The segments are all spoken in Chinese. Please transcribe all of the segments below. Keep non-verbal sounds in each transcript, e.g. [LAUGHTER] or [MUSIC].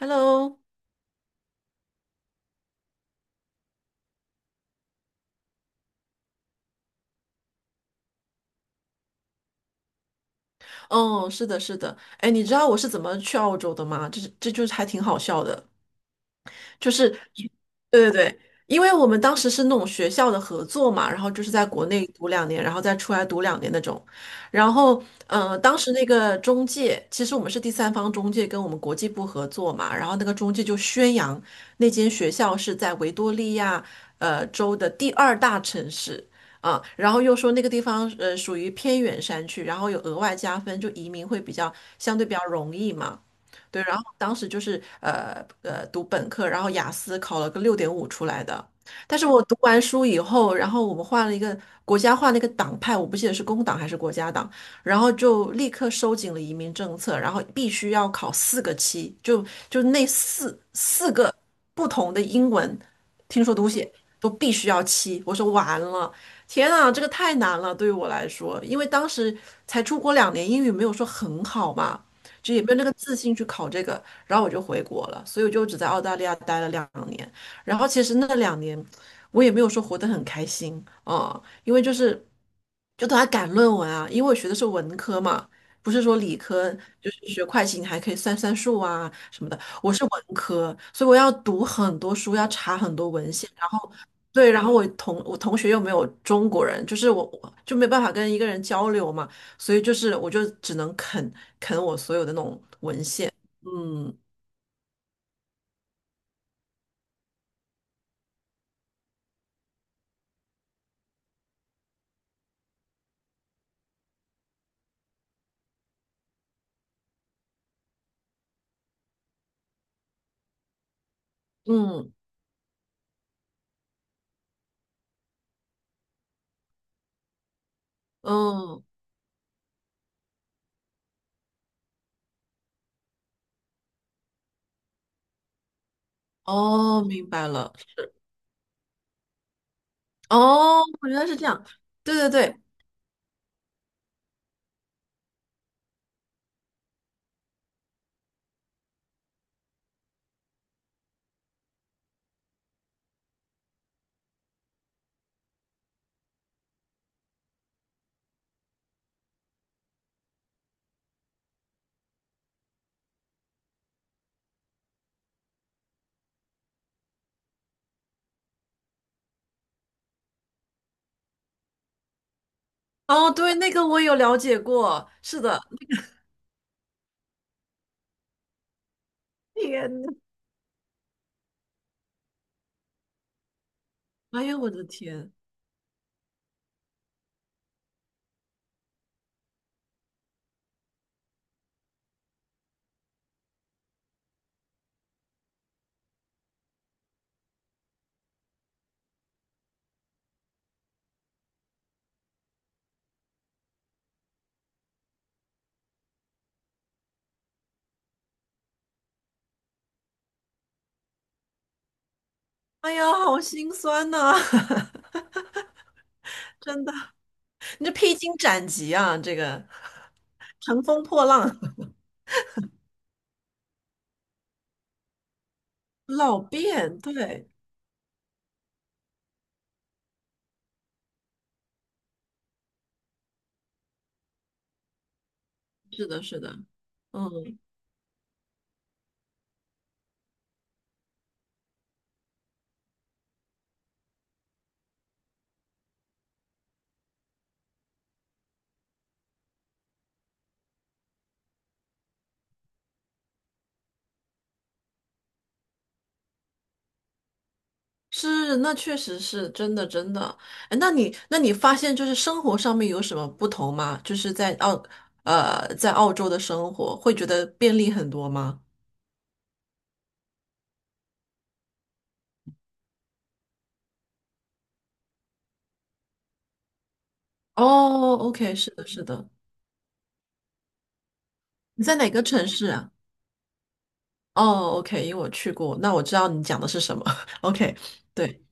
Hello，哦，是的，是的，哎，你知道我是怎么去澳洲的吗？这就是还挺好笑的。就是对对对，因为我们当时是那种学校的合作嘛，然后就是在国内读两年，然后再出来读两年那种。然后，当时那个中介，其实我们是第三方中介跟我们国际部合作嘛，然后那个中介就宣扬那间学校是在维多利亚州的第二大城市。啊，然后又说那个地方属于偏远山区，然后有额外加分，就移民会比较相对比较容易嘛。对，然后当时就是读本科，然后雅思考了个六点五出来的。但是我读完书以后，然后我们换了一个国家换了一个党派，我不记得是工党还是国家党，然后就立刻收紧了移民政策，然后必须要考四个七，就那四个不同的英文听说读写都必须要七。我说完了，天啊，这个太难了，对于我来说，因为当时才出国两年，英语没有说很好嘛。就也没有那个自信去考这个，然后我就回国了，所以我就只在澳大利亚待了两年。然后其实那两年我也没有说活得很开心，啊，因为就是就都在赶论文啊，因为我学的是文科嘛，不是说理科，就是学会计你还可以算算数啊什么的，我是文科，所以我要读很多书，要查很多文献。对，然后我同学又没有中国人，就是我就没办法跟一个人交流嘛，所以就是我就只能啃我所有的那种文献，嗯嗯嗯，哦，明白了，哦，原来是这样，对对对，哦对，那个我有了解过，是的，天呐，哎呀，我的天，哎呀，好心酸呐、[LAUGHS] 真的，你这披荆斩棘啊，这个 [LAUGHS] 乘风破浪，[LAUGHS] 老变，对。是的，是的，嗯，是，那确实是真的，真的。哎，那你，那你发现就是生活上面有什么不同吗？就是在澳，在澳洲的生活会觉得便利很多吗？哦，OK，是的，是的。你在哪个城市啊？哦，OK，因为我去过，那我知道你讲的是什么。[LAUGHS] OK，对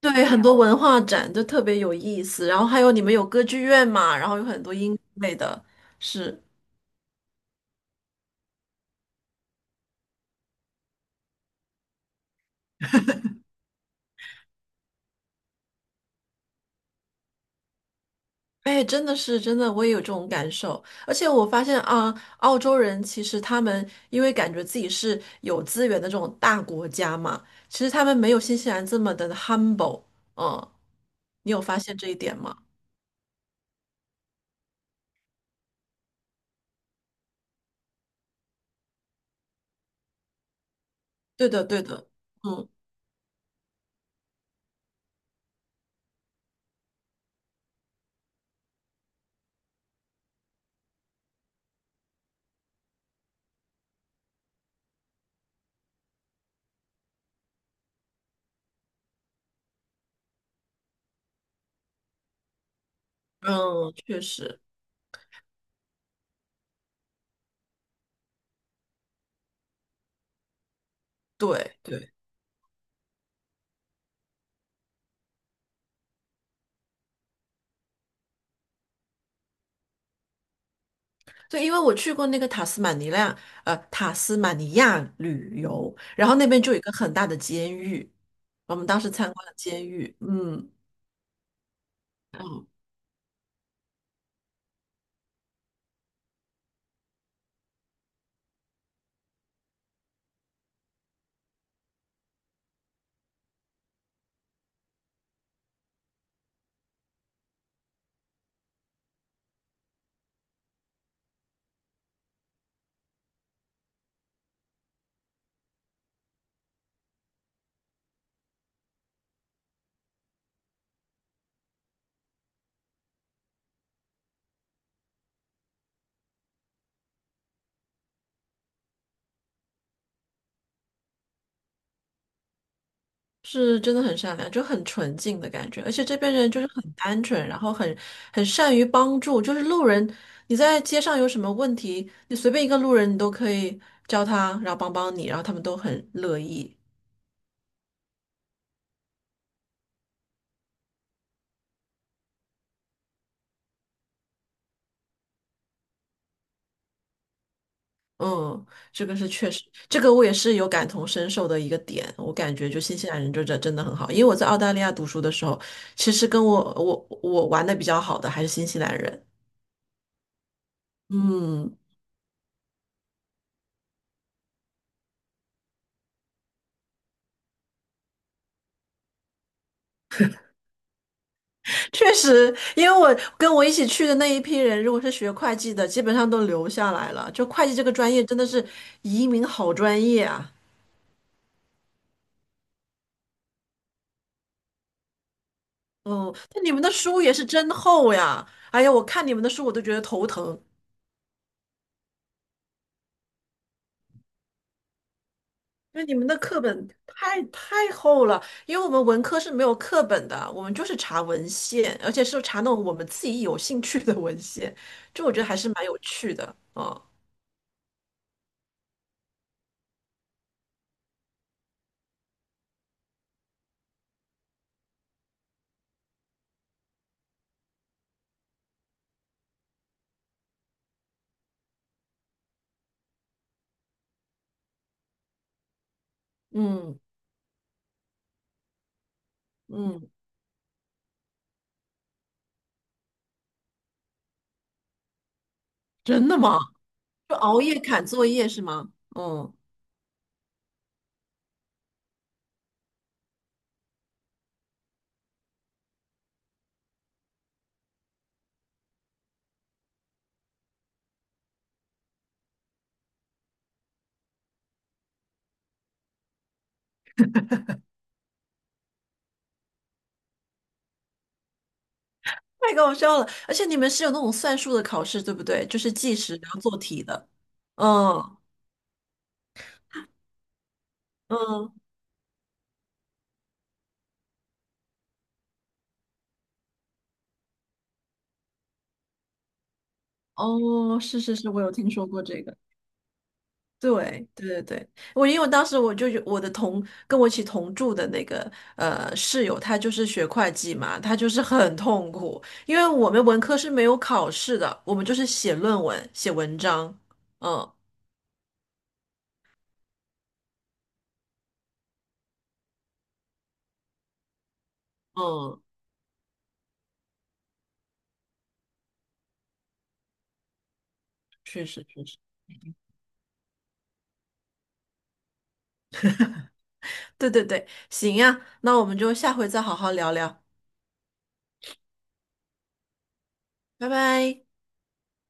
对，很多文化展就特别有意思，然后还有你们有歌剧院嘛，然后有很多音乐类的，是。哎，真的是真的，我也有这种感受。而且我发现啊，澳洲人其实他们因为感觉自己是有资源的这种大国家嘛，其实他们没有新西兰这么的 humble。嗯，你有发现这一点吗？对的，对的。嗯嗯，确实，对对对，因为我去过那个塔斯马尼亚，塔斯马尼亚旅游，然后那边就有一个很大的监狱，我们当时参观了监狱。嗯。是真的很善良，就很纯净的感觉，而且这边人就是很单纯，然后很很善于帮助，就是路人，你在街上有什么问题，你随便一个路人，你都可以叫他，然后帮帮你，然后他们都很乐意。嗯，这个是确实，这个我也是有感同身受的一个点，我感觉就新西兰人就真的很好，因为我在澳大利亚读书的时候，其实跟我玩的比较好的还是新西兰人。嗯。确实，因为我跟我一起去的那一批人，如果是学会计的，基本上都留下来了。就会计这个专业，真的是移民好专业啊！嗯，那你们的书也是真厚呀！哎呀，我看你们的书我都觉得头疼，因为你们的课本太厚了。因为我们文科是没有课本的，我们就是查文献，而且是查那种我们自己有兴趣的文献，就我觉得还是蛮有趣的啊。嗯嗯，真的吗？就熬夜赶作业是吗？嗯。太搞笑了！而且你们是有那种算术的考试，对不对？就是计时然后做题的。嗯嗯，哦，是是是，我有听说过这个。对对对对，我因为当时我就有我的跟我一起同住的那个室友，他就是学会计嘛，他就是很痛苦，因为我们文科是没有考试的，我们就是写论文、写文章。嗯嗯，确实确实，对对对，行呀，那我们就下回再好好聊聊，拜拜。